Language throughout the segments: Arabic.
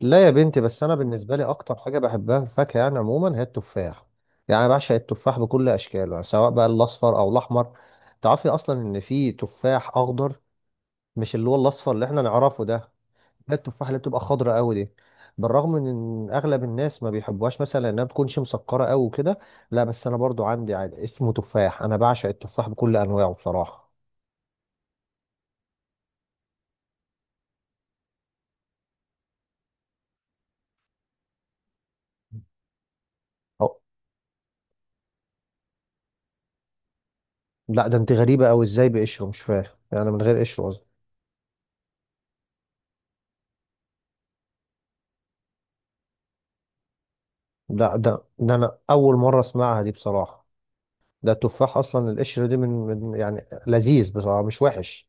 لا يا بنتي، بس انا بالنسبه لي اكتر حاجه بحبها في الفاكهه يعني عموما هي التفاح. يعني أنا بعشق التفاح بكل اشكاله، يعني سواء بقى الاصفر او الاحمر. تعرفي اصلا ان في تفاح اخضر؟ مش اللي هو الاصفر اللي احنا نعرفه ده. ده التفاح اللي بتبقى خضرا قوي دي، بالرغم من ان اغلب الناس ما بيحبوهاش، مثلا انها بتكونش مسكره قوي وكده. لا بس انا برضو عندي عادي اسمه تفاح، انا بعشق التفاح بكل انواعه بصراحه. أو لا، ده انت غريبه قوي، ازاي بقشره؟ مش فاهم، يعني من غير قشره قصدي. لا، ده ده انا اول مره اسمعها دي بصراحه. ده التفاح اصلا القشر دي من, من يعني لذيذ بصراحه، مش وحش.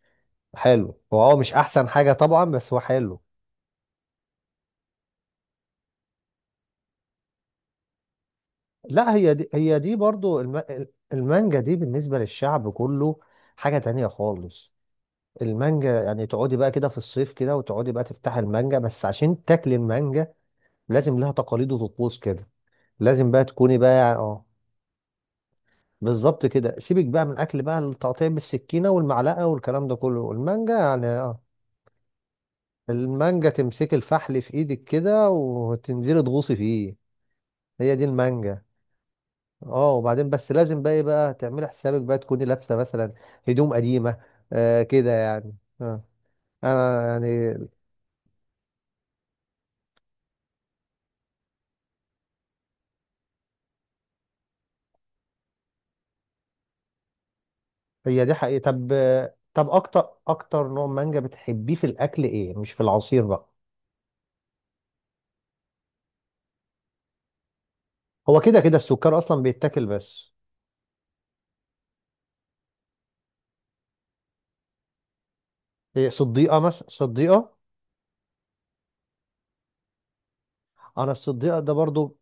حلو هو، اه مش احسن حاجه طبعا بس هو حلو. لا هي دي برضو المانجا دي بالنسبه للشعب كله حاجه تانية خالص. المانجا يعني تقعدي بقى كده في الصيف كده وتقعدي بقى تفتحي المانجا بس عشان تاكلي المانجا، لازم لها تقاليد وطقوس كده. لازم بقى تكوني بقى اه بالظبط كده. سيبك بقى من الاكل بقى، التقطيع بالسكينه والمعلقه والكلام ده كله، المانجا يعني اه، المانجا تمسك الفحل في ايدك كده وتنزلي تغوصي فيه. هي دي المانجا. اه وبعدين بس لازم بقى ايه بقى، تعملي حسابك بقى تكوني لابسه مثلا هدوم قديمه، آه كده يعني. آه، انا يعني هي دي حقيقه. طب، طب اكتر نوع مانجا بتحبيه في الاكل ايه، مش في العصير بقى؟ هو كده كده السكر اصلا بيتاكل بس. إيه، صديقه مثلا، صديقه. انا الصديقه ده برضو،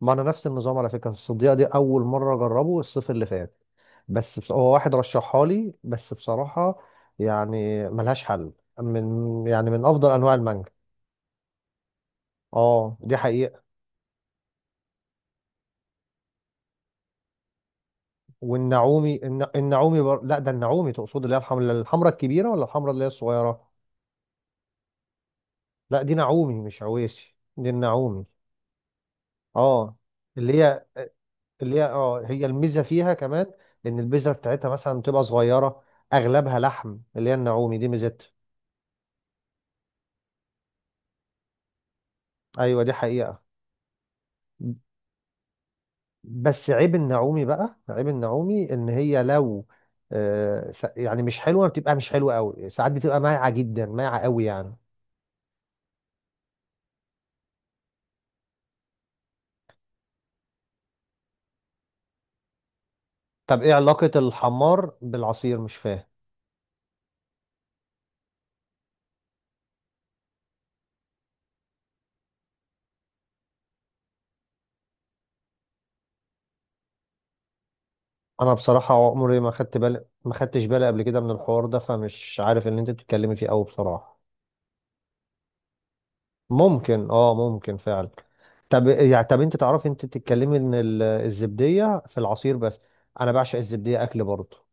ما انا نفس النظام على فكره، الصديقه دي اول مره اجربه الصيف اللي فات. بس هو واحد رشحها لي بس بصراحه، يعني ملهاش حل، من يعني من افضل انواع المانجا. اه دي حقيقه. والنعومي النعومي لا ده النعومي تقصد اللي هي الحمراء، الحمراء الكبيره ولا الحمراء اللي هي الصغيره؟ لا دي نعومي مش عويسي، دي النعومي. اه، اللي هي اللي هي اه هي الميزه فيها كمان ان البذره بتاعتها مثلا بتبقى صغيره، اغلبها لحم، اللي هي النعومي دي ميزتها. ايوه دي حقيقة. بس عيب النعومي بقى، عيب النعومي ان هي لو، يعني مش حلوة، بتبقى مش حلوة قوي، ساعات بتبقى مايعة جدا، مايعة قوي يعني. طب ايه علاقة الحمار بالعصير؟ مش فاهم. انا بصراحة عمري ما خدت بالي، ما خدتش بالي قبل كده من الحوار ده، فمش عارف اللي انت بتتكلمي فيه قوي بصراحة. ممكن، اه ممكن فعلا. طب يعني، طب انت تعرفي انت بتتكلمي ان الزبدية في العصير بس، انا بعشق الزبدية اكل برضه.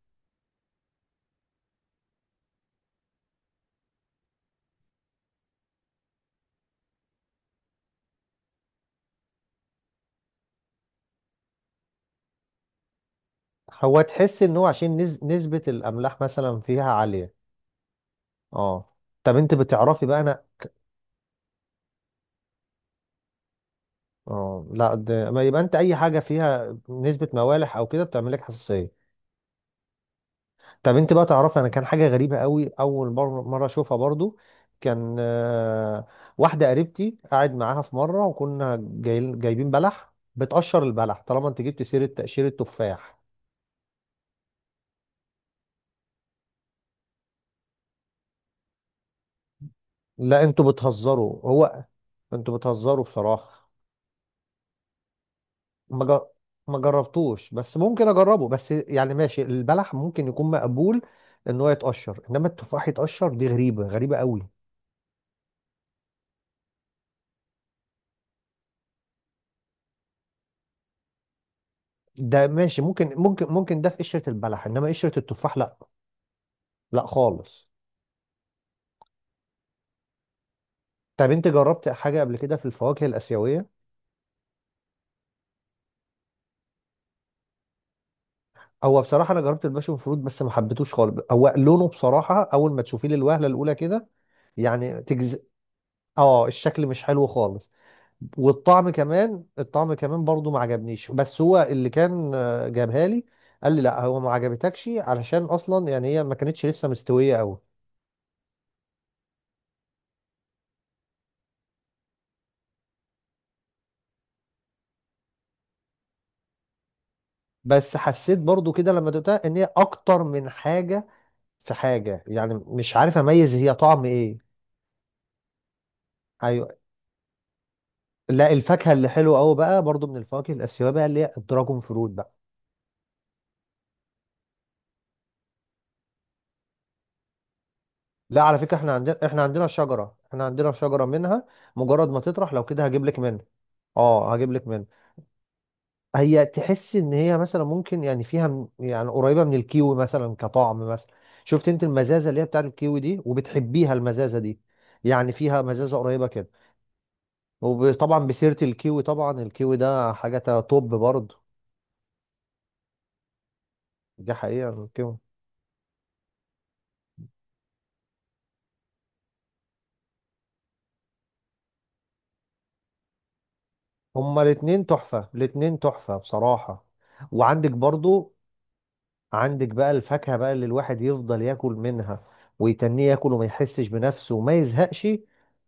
هو تحس ان هو عشان نسبة الاملاح مثلا فيها عالية. اه. طب انت بتعرفي بقى انا، اه لا ما يبقى انت اي حاجة فيها نسبة موالح او كده بتعمل لك حساسية. طب انت بقى تعرفي انا، كان حاجة غريبة قوي اول مرة اشوفها برضو، كان آه، واحدة قريبتي قاعد معاها في مرة وكنا جايبين بلح بتقشر البلح، طالما انت جبت سيرة تقشير التفاح. لا انتوا بتهزروا، هو انتوا بتهزروا بصراحة. ما جر- ما جربتوش بس ممكن اجربه، بس يعني ماشي البلح ممكن يكون مقبول ان هو يتقشر، انما التفاح يتقشر دي غريبه قوي. ده ماشي ممكن، ممكن ممكن ده في قشره البلح، انما قشره التفاح لا، لا خالص. طب انت جربت حاجه قبل كده في الفواكه الاسيويه؟ هو بصراحه انا جربت الباشون فروت بس ما حبيتوش خالص، هو لونه بصراحه اول ما تشوفيه للوهله الاولى كده يعني تجز، اه الشكل مش حلو خالص. والطعم كمان، الطعم كمان برضو ما عجبنيش، بس هو اللي كان جابها لي قال لي لا هو ما عجبتكش علشان اصلا يعني هي ما كانتش لسه مستويه قوي. بس حسيت برضو كده لما دقتها ان هي اكتر من حاجه، في حاجه يعني مش عارف اميز هي طعم ايه. ايوه. لا الفاكهه اللي حلوه قوي بقى برضو من الفواكه الاسيويه بقى، اللي هي الدراجون فروت بقى. لا على فكره احنا عندنا، احنا عندنا شجره منها. مجرد ما تطرح لو كده هجيب لك منها، اه هجيب لك منها. هي تحس ان هي مثلا ممكن يعني فيها يعني قريبه من الكيوي مثلا كطعم مثلا. شفت انت المزازه اللي هي بتاعت الكيوي دي وبتحبيها المزازه دي، يعني فيها مزازه قريبه كده. وطبعا بسيره الكيوي، طبعا الكيوي ده حاجه توب برضه. دي حقيقه الكيوي. هما الاتنين تحفه، الاتنين تحفه بصراحه. وعندك برضه، عندك بقى الفاكهه بقى اللي الواحد يفضل ياكل منها ويتنيه ياكل وما يحسش بنفسه وما يزهقش.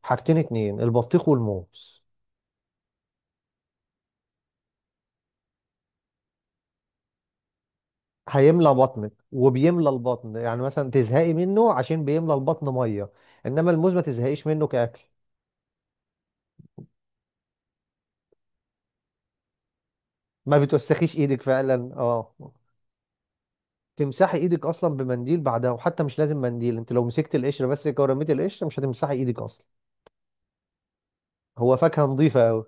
حاجتين اتنين، البطيخ والموز. هيملى بطنك، وبيملى البطن، يعني مثلا تزهقي منه عشان بيملى البطن ميه. انما الموز ما تزهقيش منه كاكل. ما بتوسخيش ايدك فعلا، اه. تمسحي ايدك اصلا بمنديل بعدها، وحتى مش لازم منديل، انت لو مسكت القشره بس كده ورميتي القشره مش هتمسحي ايدك اصلا. هو فاكهه نظيفه قوي.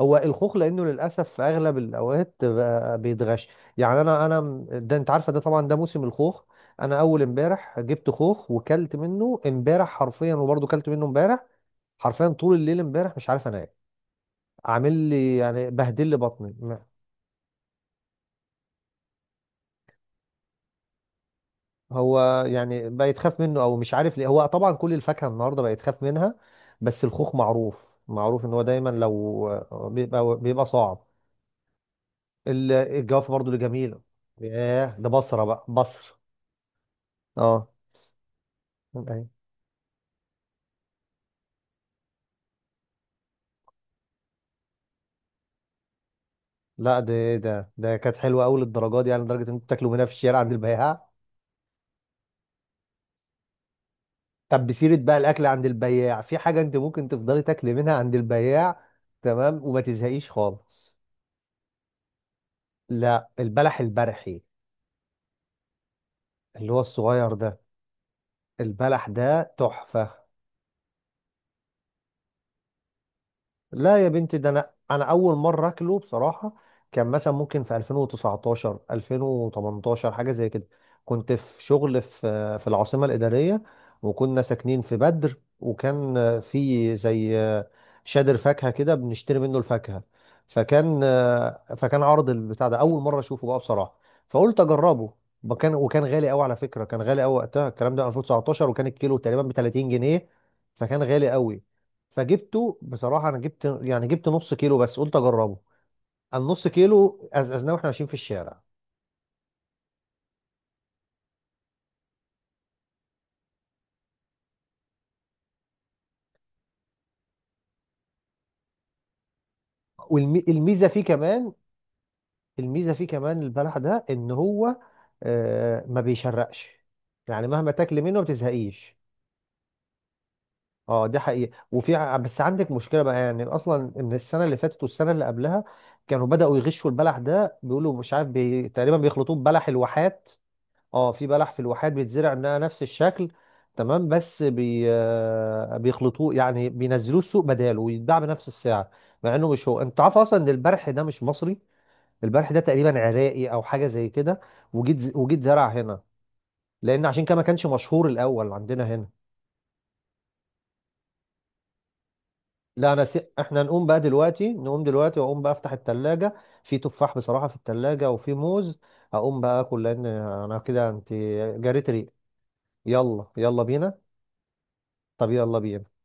هو الخوخ، لانه للاسف في اغلب الاوقات بقى بيتغش. يعني ده انت عارفه ده طبعا ده موسم الخوخ. انا اول امبارح جبت خوخ وكلت منه امبارح حرفيا، وبرضه كلت منه امبارح حرفيا، طول الليل امبارح مش عارف انام، عامل لي يعني بهدل لي بطني هو يعني بقيت خاف منه او مش عارف ليه، هو طبعا كل الفاكهه النهارده بقيت خاف منها. بس الخوخ معروف، معروف ان هو دايما لو بيبقى صعب. الجوافه برضو اللي جميله، ياه ده بصره بقى بصر. اه، أيوة. لا ده كانت حلوه قوي للدرجه دي، يعني لدرجه ان انتوا بتاكلوا منها في الشارع عند البياع. طب بسيرة بقى الأكل عند البياع، في حاجة أنت ممكن تفضلي تاكلي منها عند البياع تمام وما تزهقيش خالص. لا البلح البرحي، اللي هو الصغير ده، البلح ده تحفة. لا يا بنتي، ده انا اول مره اكله بصراحه. كان مثلا ممكن في 2019 2018 حاجه زي كده، كنت في شغل في العاصمه الاداريه، وكنا ساكنين في بدر، وكان في زي شادر فاكهه كده بنشتري منه الفاكهه. فكان، فكان عرض البتاع ده اول مره اشوفه بقى بصراحه، فقلت اجربه. وكان غالي قوي على فكره، كان غالي قوي وقتها الكلام ده 2019، وكان الكيلو تقريبا ب 30 جنيه، فكان غالي قوي. فجبته بصراحه، انا جبت يعني جبت نص كيلو بس قلت اجربه. النص كيلو أزأزناه واحنا ماشيين في الشارع. والميزه فيه كمان، الميزه فيه كمان البلح ده ان هو آه ما بيشرقش، يعني مهما تاكل منه ما بتزهقيش. اه دي حقيقه. وفي بس عندك مشكله بقى يعني اصلا، ان السنه اللي فاتت والسنه اللي قبلها كانوا بداوا يغشوا البلح ده، بيقولوا مش عارف تقريبا بيخلطوه ببلح الواحات. اه في بلح في الواحات بيتزرع منها نفس الشكل. تمام بس آه، بيخلطوه، يعني بينزلوه السوق بداله ويتباع بنفس السعر، مع انه مش هو. انت عارف اصلا ان البرح ده مش مصري، البرح ده تقريبا عراقي او حاجه زي كده، وجيت زرع هنا، لان عشان كده ما كانش مشهور الاول عندنا هنا. لا انا احنا نقوم بقى دلوقتي، نقوم دلوقتي واقوم بقى افتح التلاجة، في تفاح بصراحه في التلاجة وفي موز. هقوم بقى اكل لان انا كده انت جريت ريق. يلا يلا بينا. طب يلا بينا.